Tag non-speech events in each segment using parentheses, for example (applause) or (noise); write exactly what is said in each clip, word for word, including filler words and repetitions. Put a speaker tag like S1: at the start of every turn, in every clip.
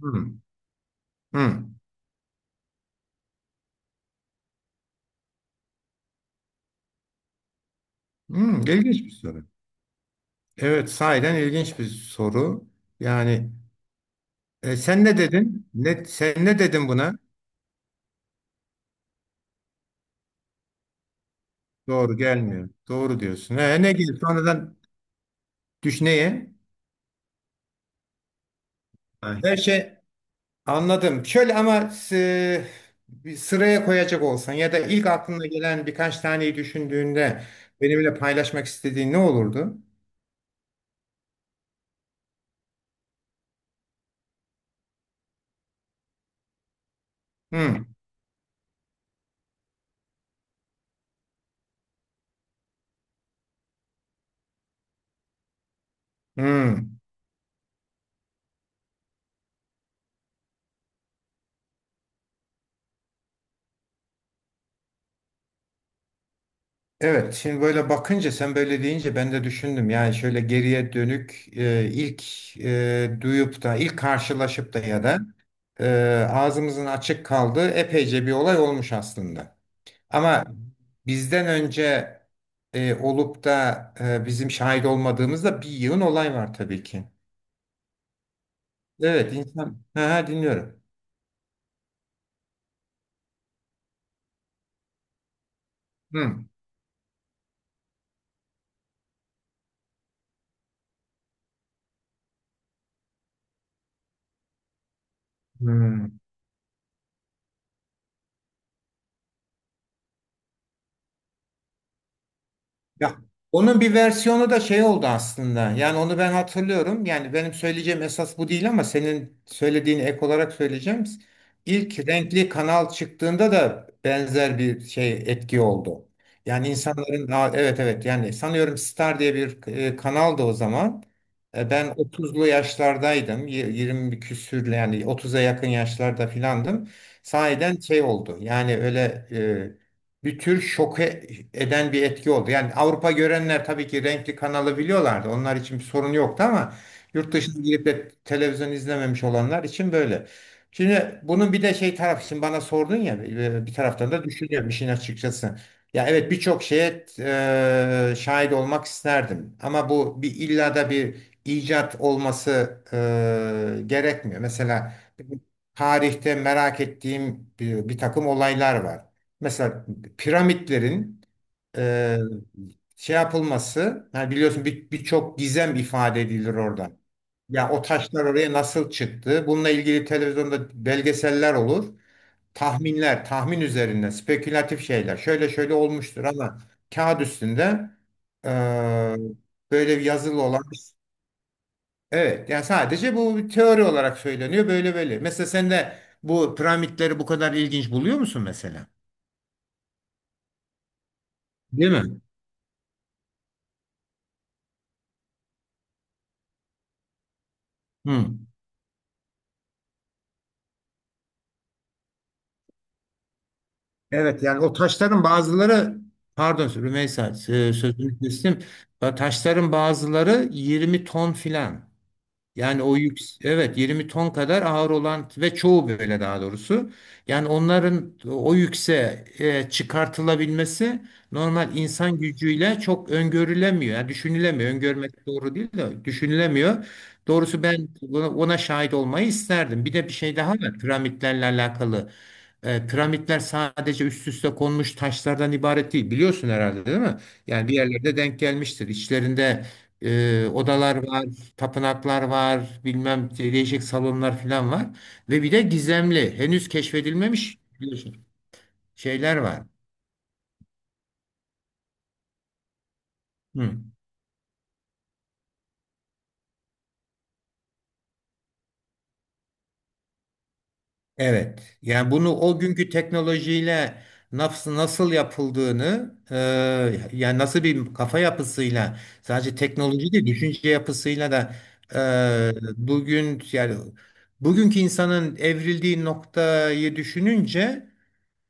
S1: Hmm, hmm, hmm. ilginç bir soru. Evet, sahiden ilginç bir soru. Yani e, sen ne dedin? Ne, sen ne dedin buna? Doğru gelmiyor. Doğru diyorsun. He, ne gibi? Sonradan düş neye? Ay. Her şey anladım. Şöyle ama e, bir sıraya koyacak olsan ya da ilk aklına gelen birkaç taneyi düşündüğünde benimle paylaşmak istediğin ne olurdu? Hmm, hmm. Evet, şimdi böyle bakınca sen böyle deyince ben de düşündüm. Yani şöyle geriye dönük e, ilk e, duyup da ilk karşılaşıp da ya da e, ağzımızın açık kaldığı epeyce bir olay olmuş aslında. Ama bizden önce e, olup da e, bizim şahit olmadığımızda bir yığın olay var tabii ki. Evet, insan. Ha, ha, dinliyorum. Hı. Hı. Ya onun bir versiyonu da şey oldu aslında. Yani onu ben hatırlıyorum. Yani benim söyleyeceğim esas bu değil ama senin söylediğini ek olarak söyleyeceğim. İlk renkli kanal çıktığında da benzer bir şey etki oldu. Yani insanların daha evet evet yani sanıyorum Star diye bir e, kanaldı o zaman. E, ben otuzlu yaşlardaydım. Y- yirmi küsür yani otuza yakın yaşlarda filandım. Sahiden şey oldu. Yani öyle e, bir tür şoke eden bir etki oldu. Yani Avrupa görenler tabii ki renkli kanalı biliyorlardı. Onlar için bir sorun yoktu ama yurt dışına girip de televizyon izlememiş olanlar için böyle. Şimdi bunun bir de şey tarafı şimdi bana sordun ya e, bir taraftan da düşünüyorum işin açıkçası. Ya evet birçok şeye e, şahit olmak isterdim ama bu bir illa da bir icat olması e, gerekmiyor. Mesela tarihte merak ettiğim bir, bir takım olaylar var. Mesela piramitlerin e, şey yapılması, yani biliyorsun bir- birçok gizem ifade edilir orada. Ya o taşlar oraya nasıl çıktı? Bununla ilgili televizyonda belgeseller olur. Tahminler, tahmin üzerine spekülatif şeyler. Şöyle şöyle olmuştur ama kağıt üstünde e, böyle bir yazılı olan. Evet, yani sadece bu bir teori olarak söyleniyor böyle böyle. Mesela sen de bu piramitleri bu kadar ilginç buluyor musun mesela? Değil mi? Hı. Evet yani o taşların bazıları pardon Rümeysa, e, sözünü kestim. Ba- Taşların bazıları yirmi ton filan. Yani o yük, evet yirmi ton kadar ağır olan ve çoğu böyle daha doğrusu. Yani onların o yükse e, çıkartılabilmesi normal insan gücüyle çok öngörülemiyor. Yani düşünülemiyor. Öngörmek doğru değil de düşünülemiyor. Doğrusu ben buna, ona şahit olmayı isterdim. Bir de bir şey daha var piramitlerle alakalı. E, piramitler sadece üst üste konmuş taşlardan ibaret değil. Biliyorsun herhalde değil mi? Yani bir yerlerde denk gelmiştir. İçlerinde e, odalar var, tapınaklar var, bilmem değişik salonlar falan var. Ve bir de gizemli, henüz keşfedilmemiş biliyorsun, şeyler var. Hı. Evet. Yani bunu o günkü teknolojiyle nasıl, nasıl yapıldığını, e, yani nasıl bir kafa yapısıyla, sadece teknoloji değil, düşünce yapısıyla da e, bugün yani bugünkü insanın evrildiği noktayı düşününce.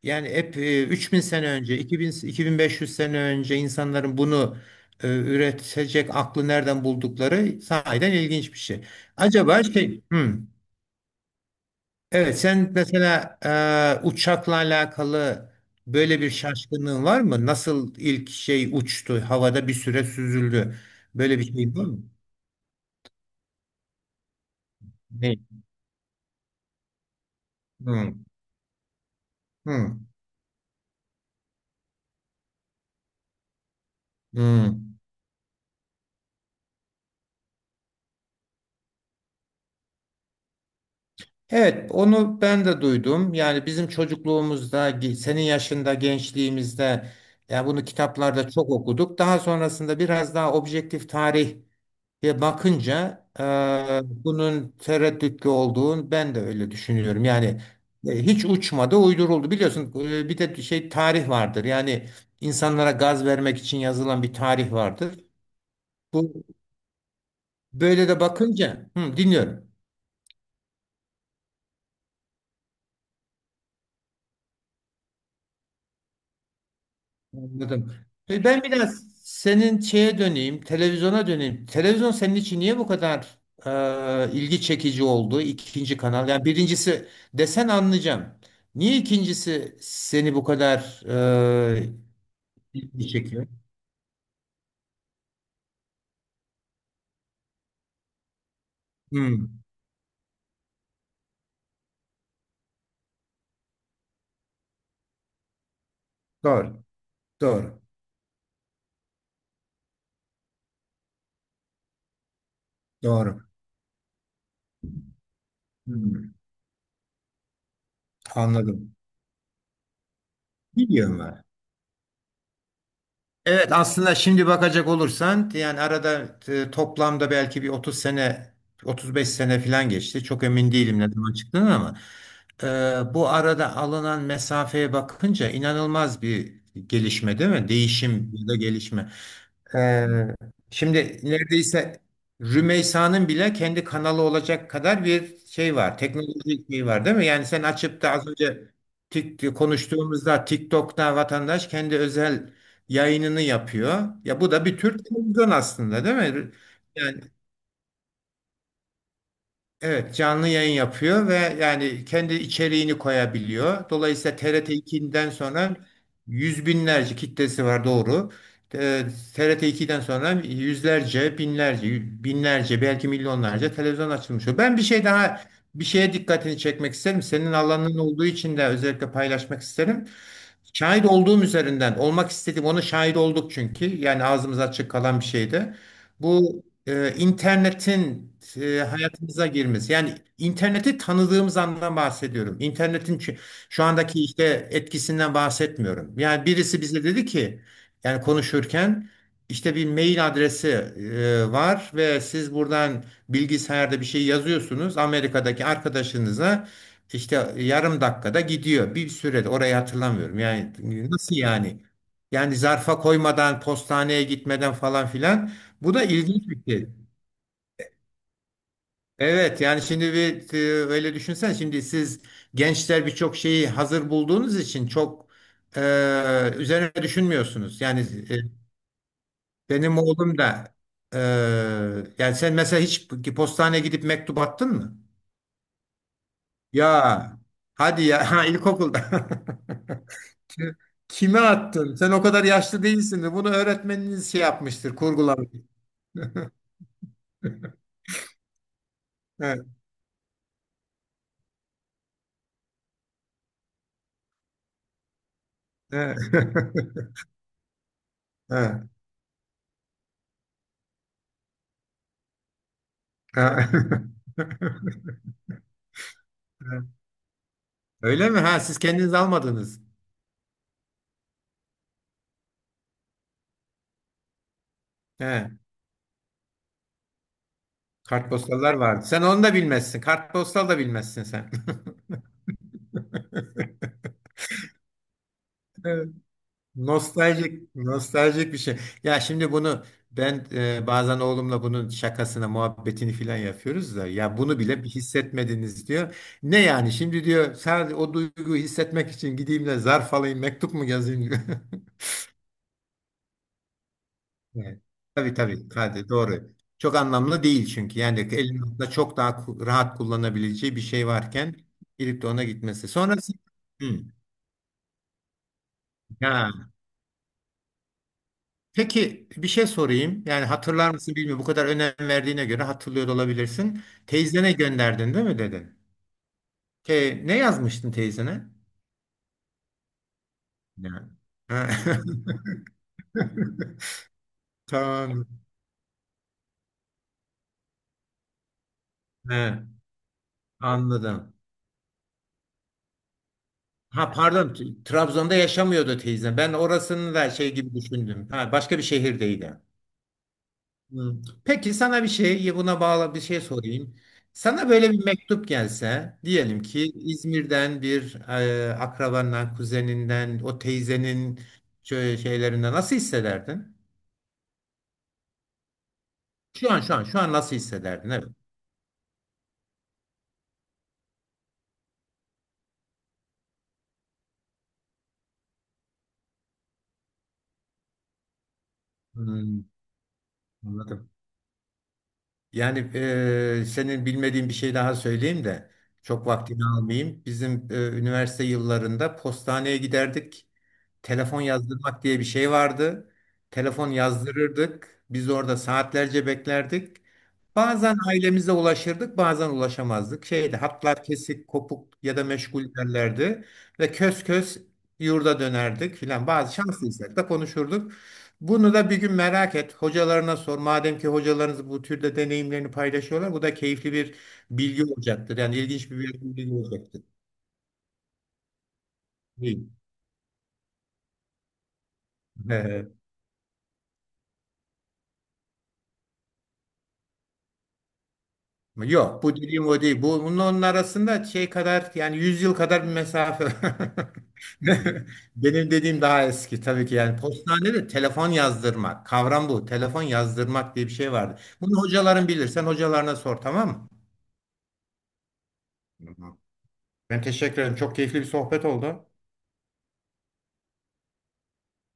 S1: Yani hep e, üç bin sene önce, iki bin, iki bin beş yüz sene önce insanların bunu e, üretecek aklı nereden buldukları sahiden ilginç bir şey. Acaba şey, hmm, evet sen mesela e, uçakla alakalı böyle bir şaşkınlığın var mı? Nasıl ilk şey uçtu, havada bir süre süzüldü? Böyle bir şey var mı? Ne? Hmm, hmm, hmm. Evet, onu ben de duydum. Yani bizim çocukluğumuzda, ge- senin yaşında, gençliğimizde, yani bunu kitaplarda çok okuduk. Daha sonrasında biraz daha objektif tarihe bakınca e, bunun tereddütlü olduğunu ben de öyle düşünüyorum. Yani e, hiç uçmadı, uyduruldu. Biliyorsun e, bir de şey tarih vardır. Yani insanlara gaz vermek için yazılan bir tarih vardır. Bu böyle de bakınca, hı, dinliyorum. Anladım. Peki Ben biraz senin şeye döneyim, televizyona döneyim. Televizyon senin için niye bu kadar e, ilgi çekici oldu? İkinci kanal. Yani birincisi desen anlayacağım. Niye ikincisi seni bu kadar e, ilgi çekiyor? Hmm, doğru, doğru, doğru. Hmm, anladım. Biliyorum. Evet aslında şimdi bakacak olursan yani arada e, toplamda belki bir otuz sene otuz beş sene falan geçti. Çok emin değilim ne zaman çıktığını ama e, bu arada alınan mesafeye bakınca inanılmaz bir gelişme değil mi? Değişim ya da gelişme. Ee, Şimdi neredeyse Rümeysa'nın bile kendi kanalı olacak kadar bir şey var. Teknolojik şey var değil mi? Yani sen açıp da az önce tik, konuştuğumuzda TikTok'ta vatandaş kendi özel yayınını yapıyor. Ya bu da bir tür televizyon aslında değil mi? Yani evet, canlı yayın yapıyor ve yani kendi içeriğini koyabiliyor. Dolayısıyla TRT ikiden sonra yüz binlerce kitlesi var, doğru. Ee, TRT ikiden sonra yüzlerce, binlerce, binlerce belki milyonlarca televizyon açılmış oluyor. Ben bir şey daha bir şeye dikkatini çekmek isterim. Senin alanın olduğu için de özellikle paylaşmak isterim. Şahit olduğum üzerinden olmak istedim. Onu şahit olduk çünkü. Yani ağzımız açık kalan bir şeydi. Bu e, internetin e, hayatımıza girmesi. Yani interneti tanıdığımız andan bahsediyorum. İnternetin şu, şu andaki işte etkisinden bahsetmiyorum. Yani birisi bize dedi ki yani konuşurken işte bir mail adresi e, var ve siz buradan bilgisayarda bir şey yazıyorsunuz. Amerika'daki arkadaşınıza işte yarım dakikada gidiyor. Bir sürede orayı hatırlamıyorum. Yani nasıl yani? Yani zarfa koymadan, postaneye gitmeden falan filan. Bu da ilginç bir şey. Evet yani şimdi bir e, öyle düşünsen şimdi siz gençler birçok şeyi hazır bulduğunuz için çok e, üzerine düşünmüyorsunuz. Yani e, benim oğlum da, e, yani sen mesela hiç postaneye gidip mektup attın mı? Ya hadi ya (laughs) ha, ilkokulda. (laughs) Kime attın? Sen o kadar yaşlı değilsin de bunu öğretmeniniz şey yapmıştır, kurgulamış. Evet, evet. (laughs) Evet. Evet. (laughs) Öyle mi? Ha siz kendiniz almadınız. He. Kartpostallar vardı. Sen onu da bilmezsin. Kartpostal da bilmezsin sen. (laughs) Evet. Nostaljik, nostaljik bir şey. Ya şimdi bunu ben e, bazen oğlumla bunun şakasına, muhabbetini filan yapıyoruz da ya bunu bile bir hissetmediniz diyor. Ne yani şimdi diyor sadece o duyguyu hissetmek için gideyim de zarf alayım, mektup mu yazayım diyor. (laughs) Evet. Tabii tabii Kadir, doğru. Çok anlamlı değil çünkü yani elinizde çok daha ku- rahat kullanabileceği bir şey varken gidip de ona gitmesi. Sonrası. Hı. Ya. Peki bir şey sorayım. Yani hatırlar mısın bilmiyorum. Bu kadar önem verdiğine göre hatırlıyor da olabilirsin. Teyzene gönderdin değil mi dedin? Te- ne yazmıştın teyzene? Ne? Ha. (laughs) Tamam. He, anladım. Ha pardon, T- Trabzon'da yaşamıyordu teyze. Ben orasını da şey gibi düşündüm. Ha, başka bir şehirdeydi. Hmm. Peki sana bir şey, buna bağlı bir şey sorayım. Sana böyle bir mektup gelse diyelim ki İzmir'den bir e, akrabandan, kuzeninden, o teyzenin şöyle şeylerinden nasıl hissederdin? Şu an şu an şu an nasıl hissederdin? Evet. Hmm, anladım. Yani eee, senin bilmediğin bir şey daha söyleyeyim de çok vaktini almayayım. Bizim eee, üniversite yıllarında postaneye giderdik. Telefon yazdırmak diye bir şey vardı. Telefon yazdırırdık. Biz orada saatlerce beklerdik. Bazen ailemize ulaşırdık, bazen ulaşamazdık. Şeydi, hatlar kesik, kopuk ya da meşgul derlerdi. Ve kös kös yurda dönerdik filan. Bazı şanslıysak da konuşurduk. Bunu da bir gün merak et. Hocalarına sor. Madem ki hocalarınız bu türde deneyimlerini paylaşıyorlar, bu da keyifli bir bilgi olacaktır. Yani ilginç bir bilgi olacaktır. Değil. (laughs) Yok bu dediğim o değil. Bu, bunun onun arasında şey kadar yani yüz yıl kadar bir mesafe. (laughs) Benim dediğim daha eski tabii ki yani postanede telefon yazdırmak. Kavram bu. Telefon yazdırmak diye bir şey vardı. Bunu hocaların bilir. Sen hocalarına sor, tamam mı? Tamam. Ben teşekkür ederim. Çok keyifli bir sohbet oldu.